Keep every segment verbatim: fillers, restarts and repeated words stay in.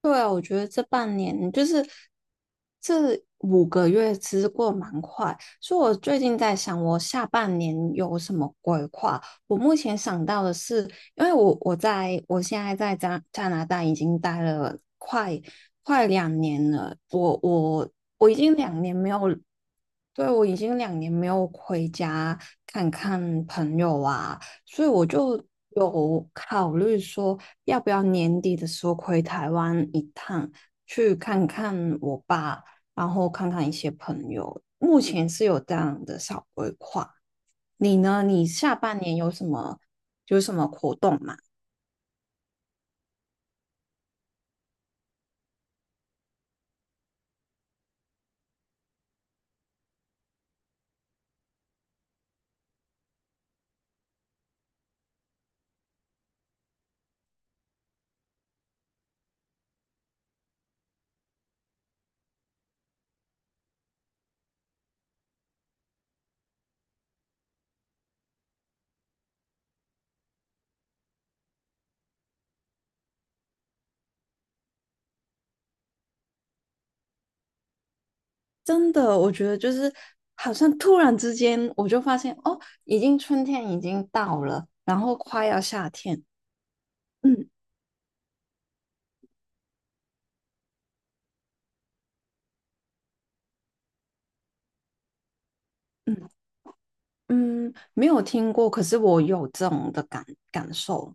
对啊，我觉得这半年就是这五个月，其实过得蛮快。所以我最近在想，我下半年有什么规划？我目前想到的是，因为我我在我现在在加加拿大已经待了快快两年了，我我我已经两年没有对，我已经两年没有回家看看朋友啊，所以我就有考虑说，要不要年底的时候回台湾一趟，去看看我爸，然后看看一些朋友。目前是有这样的小规划。你呢？你下半年有什么有什么活动吗？真的，我觉得就是好像突然之间，我就发现哦，已经春天已经到了，然后快要夏天，嗯。嗯嗯，没有听过，可是我有这种的感感受，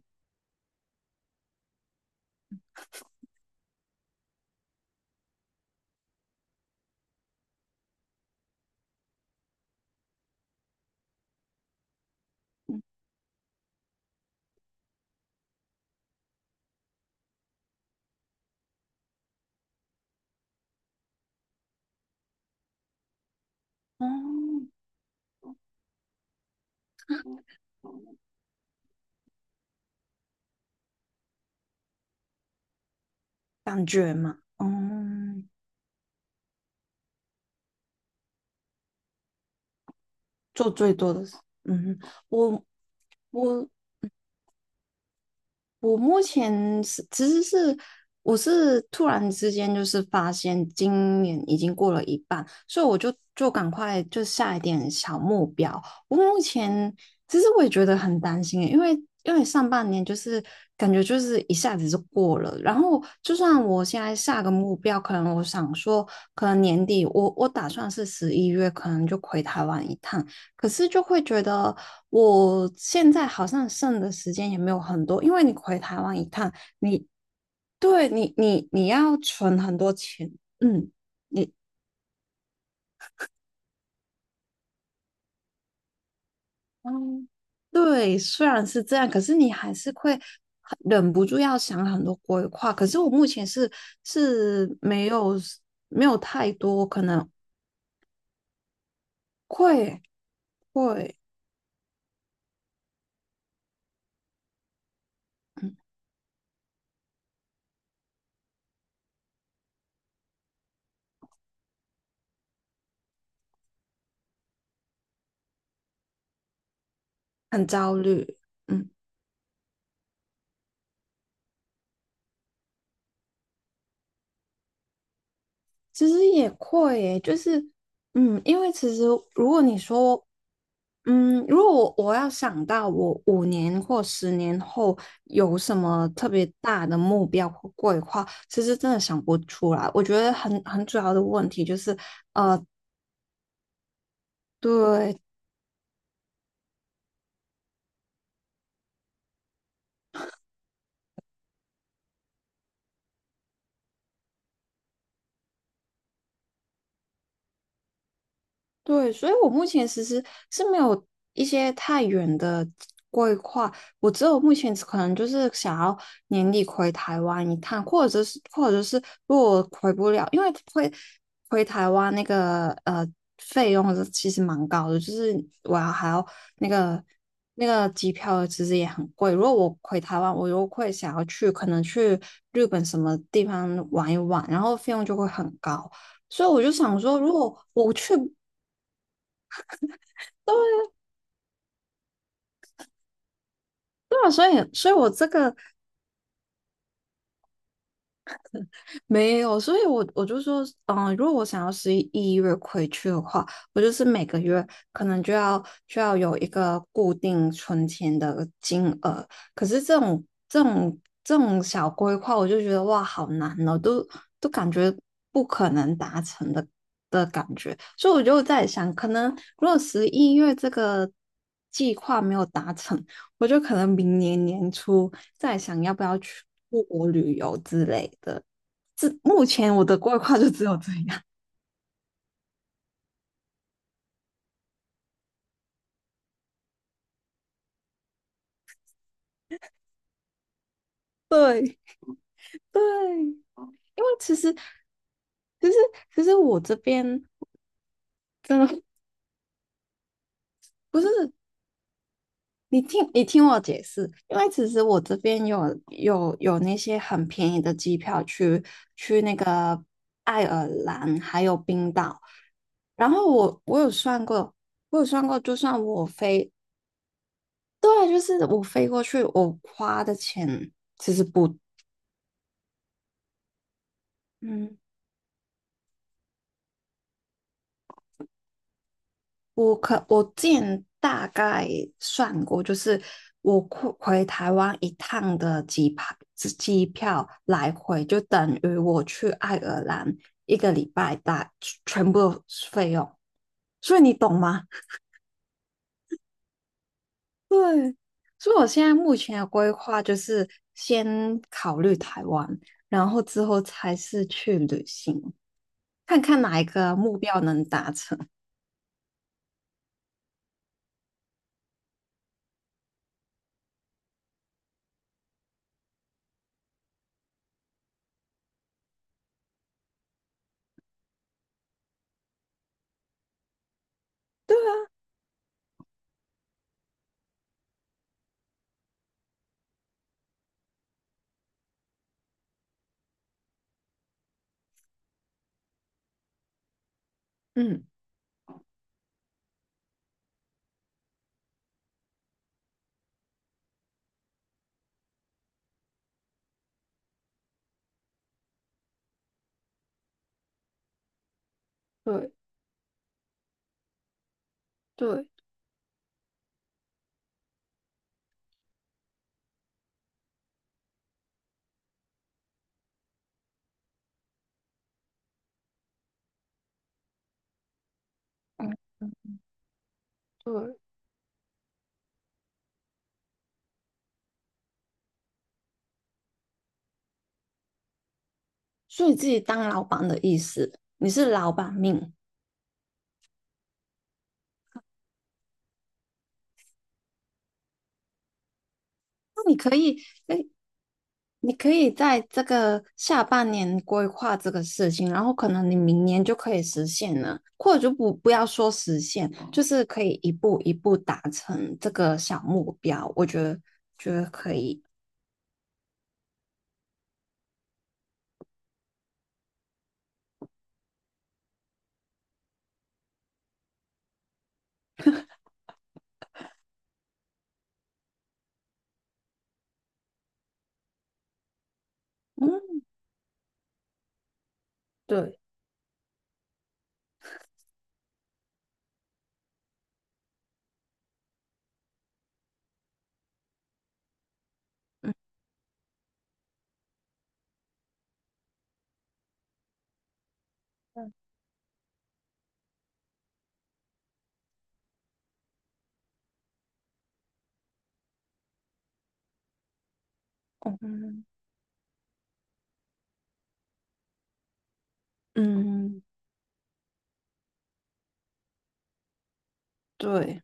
哦，感觉嘛，嗯，做最多的是，嗯，我我我目前是其实是我是突然之间就是发现今年已经过了一半，所以我就就赶快就下一点小目标。我目前其实我也觉得很担心耶因为因为上半年就是感觉就是一下子就过了，然后就算我现在下个目标，可能我想说可能年底我我打算是十一月可能就回台湾一趟，可是就会觉得我现在好像剩的时间也没有很多，因为你回台湾一趟，你对你你你要存很多钱，嗯，你嗯，对，虽然是这样，可是你还是会很忍不住要想很多规划。可是我目前是是没有没有太多，可能会会嗯很焦虑，嗯。其实也会耶，就是，嗯，因为其实如果你说，嗯，如果我我要想到我五年或十年后有什么特别大的目标或规划，其实真的想不出来。我觉得很很主要的问题就是，呃，对，对，所以我目前其实是没有一些太远的规划，我只有目前可能就是想要年底回台湾一趟，或者是或者是如果回不了，因为回回台湾那个呃费用是其实蛮高的，就是我要还要那个那个机票其实也很贵。如果我回台湾，我又会想要去可能去日本什么地方玩一玩，然后费用就会很高。所以我就想说，如果我去，都。对啊所以所以我这个没有，所以我我就说，嗯，如果我想要十一月回去的话，我就是每个月可能就要就要有一个固定存钱的金额。可是这种这种这种小规划，我就觉得哇，好难哦，都都感觉不可能达成的的感觉。所以我就在想，可能如果十一月这个计划没有达成，我就可能明年年初再想要不要去出国旅游之类的。这目前我的规划就只有这样。对，因为其实其实其实我这边真的不是你听你听我解释，因为其实我这边有有有那些很便宜的机票去去那个爱尔兰还有冰岛，然后我我有算过，我有算过，就算我飞，对，就是我飞过去，我花的钱其实不，嗯，我可我之前大概算过，就是我回回台湾一趟的机票，机票来回就等于我去爱尔兰一个礼拜大全部费用，所以你懂吗？对，所以我现在目前的规划就是先考虑台湾，然后之后才是去旅行，看看哪一个目标能达成。对啊，嗯，对对，嗯对。所以自己当老板的意思，你是老板命，所以你可以在这个下半年规划这个事情，然后可能你明年就可以实现了，或者就不不要说实现，就是可以一步一步达成这个小目标。我觉得，嗯，对，嗯嗯嗯嗯对，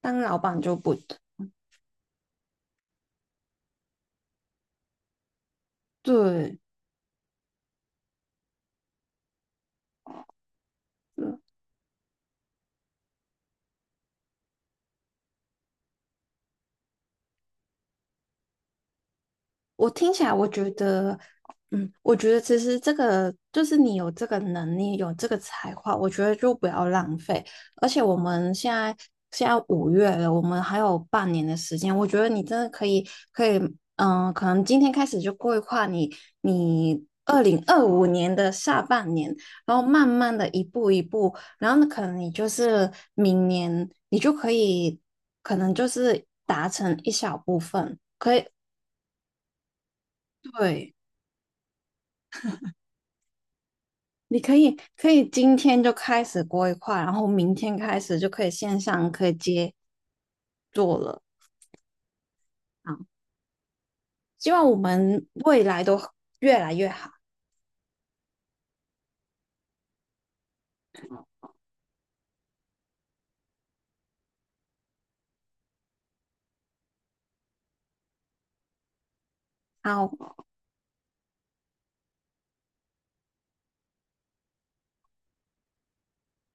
当老板就不对，对，对我听起来，我觉得，嗯，我觉得其实这个就是你有这个能力，有这个才华，我觉得就不要浪费。而且我们现在现在五月了，我们还有半年的时间，我觉得你真的可以可以，嗯、可能今天开始就规划你你二零二五年的下半年，然后慢慢的一步一步，然后呢，可能你就是明年你就可以，可能就是达成一小部分，可以，对。你可以可以今天就开始规划，然后明天开始就可以线上可以接做了啊！希望我们未来都越来越好。好，